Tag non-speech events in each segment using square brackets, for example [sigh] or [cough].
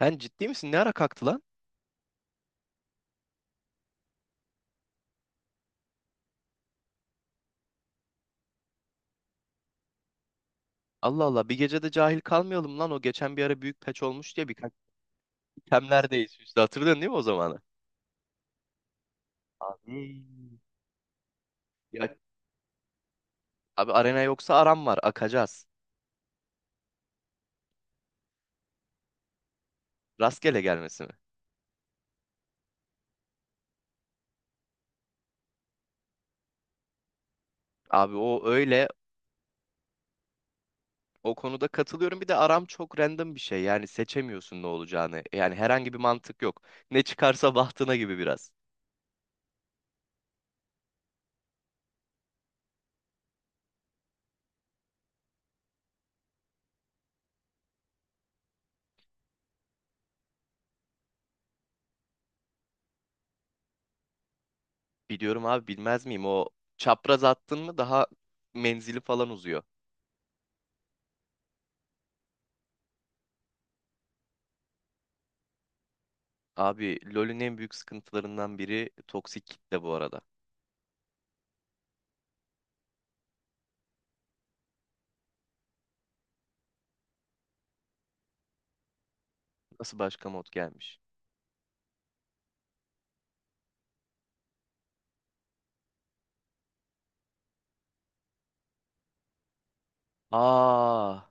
Sen ciddi misin? Ne ara kalktı lan? Allah Allah, bir gecede cahil kalmayalım lan. O geçen bir ara büyük peç olmuş diye birkaç kemlerdeyiz işte, hatırladın değil mi o zamanı? Abi. Ya, abi arena yoksa aram var, akacağız. Rastgele gelmesi mi? Abi o öyle, o konuda katılıyorum. Bir de aram çok random bir şey, yani seçemiyorsun ne olacağını, yani herhangi bir mantık yok. Ne çıkarsa bahtına gibi biraz. Biliyorum abi, bilmez miyim? O çapraz attın mı daha menzili falan uzuyor. Abi LoL'ün en büyük sıkıntılarından biri toksik kitle bu arada. Nasıl başka mod gelmiş? Aa,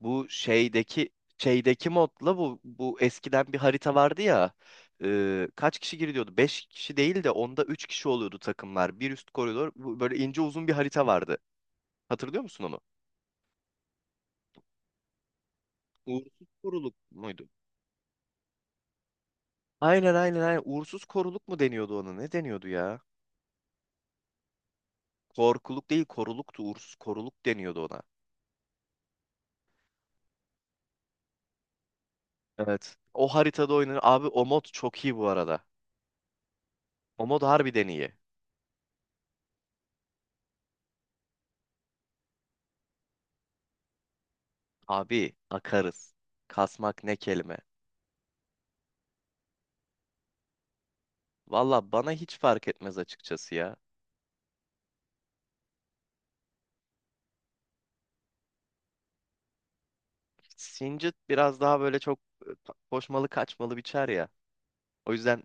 bu şeydeki şeydeki modla bu eskiden bir harita vardı ya. Kaç kişi giriliyordu? 5 kişi değil de onda 3 kişi oluyordu takımlar. Bir üst koridor, bu böyle ince uzun bir harita vardı. Hatırlıyor musun onu? Uğursuz koruluk muydu? Aynen aynen aynen. Uğursuz koruluk mu deniyordu ona? Ne deniyordu ya? Korkuluk değil, koruluktu. Uğursuz koruluk deniyordu ona. Evet. O haritada oynanır. Abi o mod çok iyi bu arada. O mod harbiden iyi. Abi akarız. Kasmak ne kelime. Valla bana hiç fark etmez açıkçası ya. Singed biraz daha böyle çok koşmalı kaçmalı biçer ya. O yüzden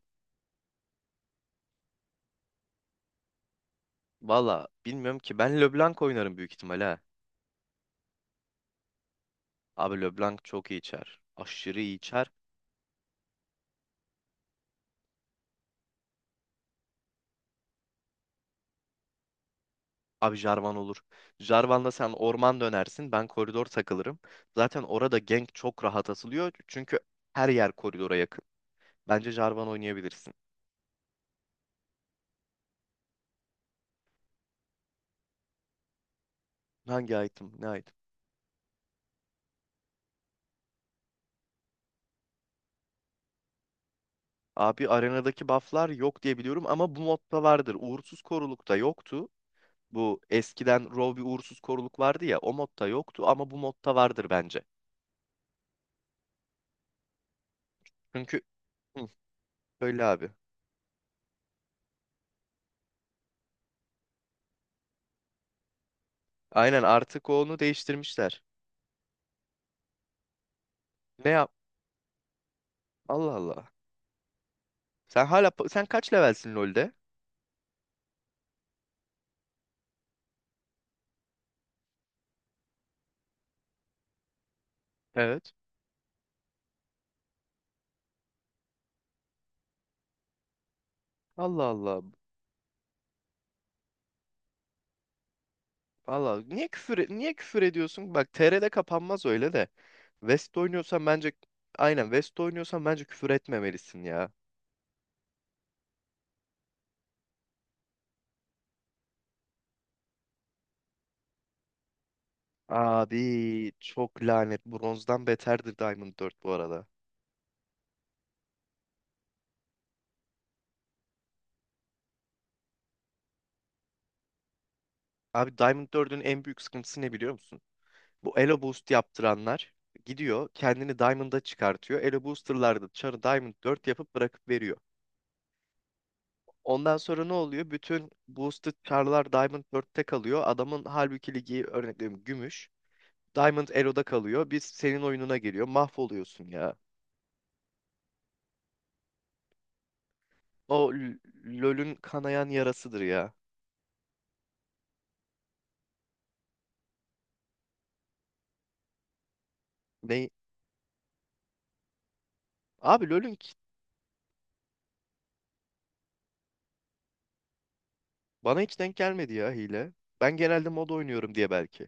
valla bilmiyorum ki, ben LeBlanc oynarım büyük ihtimalle ha. Abi LeBlanc çok iyi içer. Aşırı iyi içer. Abi Jarvan olur. Jarvan'la sen orman dönersin. Ben koridor takılırım. Zaten orada gank çok rahat asılıyor. Çünkü her yer koridora yakın. Bence Jarvan oynayabilirsin. Hangi item? Ne item? Abi arenadaki bufflar yok diye biliyorum ama bu modda vardır. Uğursuz korulukta yoktu. Bu eskiden Rov bir uğursuz koruluk vardı ya, o modda yoktu, ama bu modda vardır bence. Çünkü hı, öyle abi. Aynen, artık onu değiştirmişler. Ne yap? Allah Allah. Sen hala kaç levelsin LoL'de? Evet. Allah Allah. Allah niye küfür niye küfür ediyorsun? Bak TR'de kapanmaz öyle de. West oynuyorsan bence, aynen, West oynuyorsan bence küfür etmemelisin ya. Abi çok lanet. Bronzdan beterdir Diamond 4 bu arada. Abi Diamond 4'ün en büyük sıkıntısı ne biliyor musun? Bu Elo Boost yaptıranlar gidiyor kendini Diamond'a çıkartıyor. Elo Booster'lar da çarı Diamond 4 yapıp bırakıp veriyor. Ondan sonra ne oluyor? Bütün boosted çarlar Diamond 4'te kalıyor. Adamın halbuki ligi, örnek veriyorum, gümüş. Diamond Elo'da kalıyor. Biz senin oyununa geliyor. Mahvoluyorsun ya. O L- LoL'ün kanayan yarasıdır ya. Ne? Abi LoL'ün. Bana hiç denk gelmedi ya hile. Ben genelde mod oynuyorum diye belki.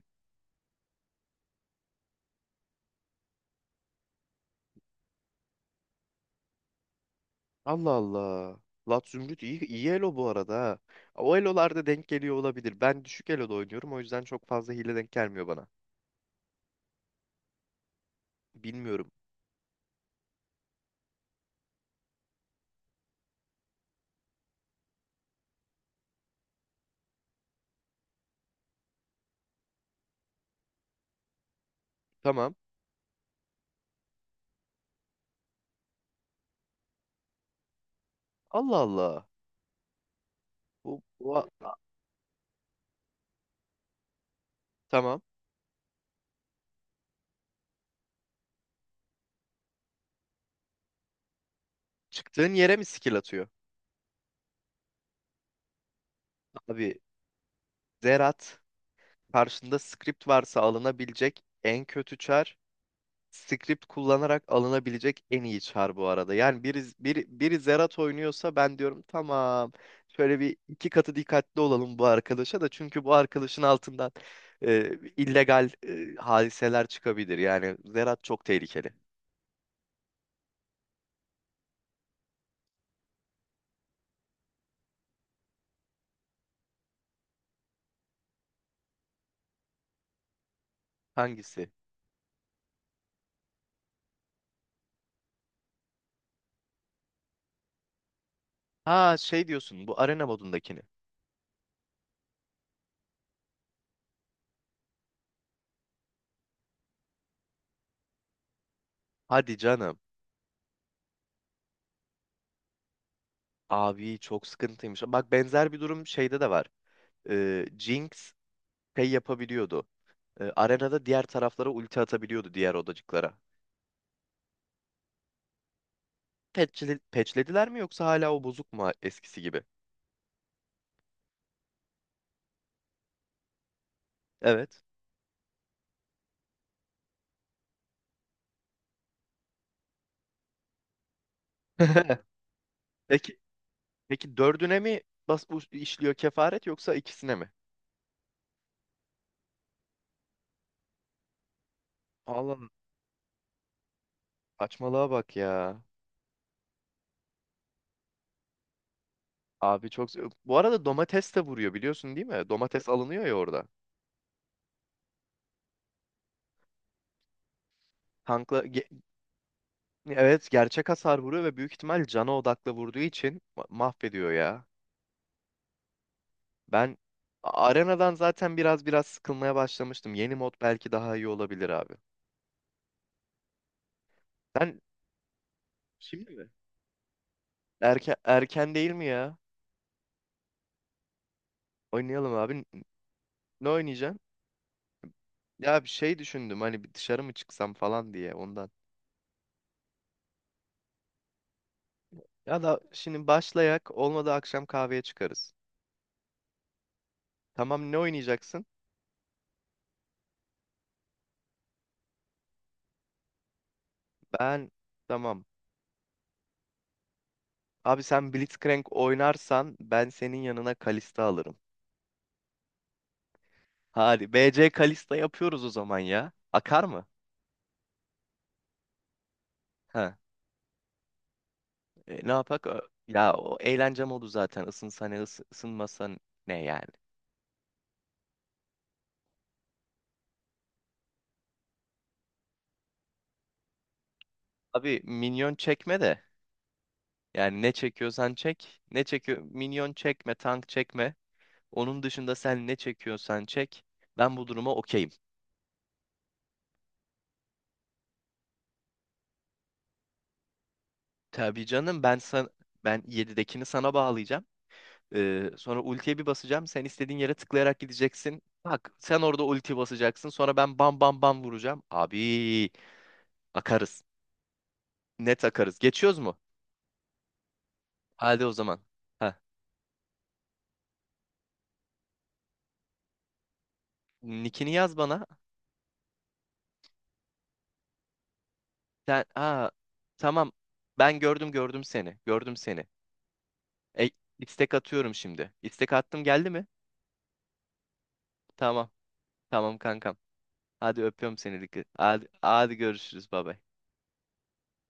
Allah Allah. Lat Zümrüt iyi, iyi elo bu arada ha. O elolarda denk geliyor olabilir. Ben düşük eloda oynuyorum, o yüzden çok fazla hile denk gelmiyor bana. Bilmiyorum. Tamam. Allah Allah. Bu, bu a- a- tamam. Çıktığın yere mi skill atıyor? Abi Zerat karşında script varsa alınabilecek en kötü çar, script kullanarak alınabilecek en iyi çar bu arada. Yani biri Zerat oynuyorsa ben diyorum tamam, şöyle bir iki katı dikkatli olalım bu arkadaşa da, çünkü bu arkadaşın altından illegal hadiseler çıkabilir. Yani Zerat çok tehlikeli. Hangisi? Ha, şey diyorsun, bu arena modundakini. Hadi canım. Abi çok sıkıntıymış. Bak benzer bir durum şeyde de var. Jinx şey yapabiliyordu. Arenada diğer taraflara ulti atabiliyordu, diğer odacıklara. Patch'lediler mi, yoksa hala o bozuk mu eskisi gibi? Evet. [laughs] Peki peki dördüne mi bas bu işliyor kefaret, yoksa ikisine mi? Allah'ım, saçmalığa bak ya. Abi çok. Bu arada domates de vuruyor, biliyorsun değil mi? Domates alınıyor ya orada. Tankla ge- evet, gerçek hasar vuruyor ve büyük ihtimal cana odaklı vurduğu için mahvediyor ya. Ben arenadan zaten biraz sıkılmaya başlamıştım. Yeni mod belki daha iyi olabilir abi. Sen şimdi mi? Erken erken değil mi ya? Oynayalım abi. Ne oynayacaksın? Ya bir şey düşündüm, hani bir dışarı mı çıksam falan diye ondan. Ya da şimdi başlayak olmadı, akşam kahveye çıkarız. Tamam, ne oynayacaksın? Ben tamam. Abi sen Blitzcrank oynarsan ben senin yanına Kalista alırım. Hadi B C Kalista yapıyoruz o zaman ya. Akar mı? Ha. Ne yapak? Ö- ya o eğlence modu zaten. Isınsa ısınmasa ne yani. Abi minyon çekme de. Yani ne çekiyorsan çek. Ne çekiyor? Minyon çekme, tank çekme. Onun dışında sen ne çekiyorsan çek. Ben bu duruma okeyim. Tabii canım, ben 7'dekini sana bağlayacağım. Sonra ultiye bir basacağım. Sen istediğin yere tıklayarak gideceksin. Bak sen orada ulti basacaksın. Sonra ben bam bam bam vuracağım. Abi akarız. Net akarız. Geçiyoruz mu? Hadi o zaman. Ha. Nick'ini yaz bana. Sen aa tamam. Ben gördüm seni. Gördüm seni. E, istek atıyorum şimdi. İstek attım, geldi mi? Tamam. Tamam kankam. Hadi öpüyorum seni. Dikkat. Hadi, hadi görüşürüz. Baba.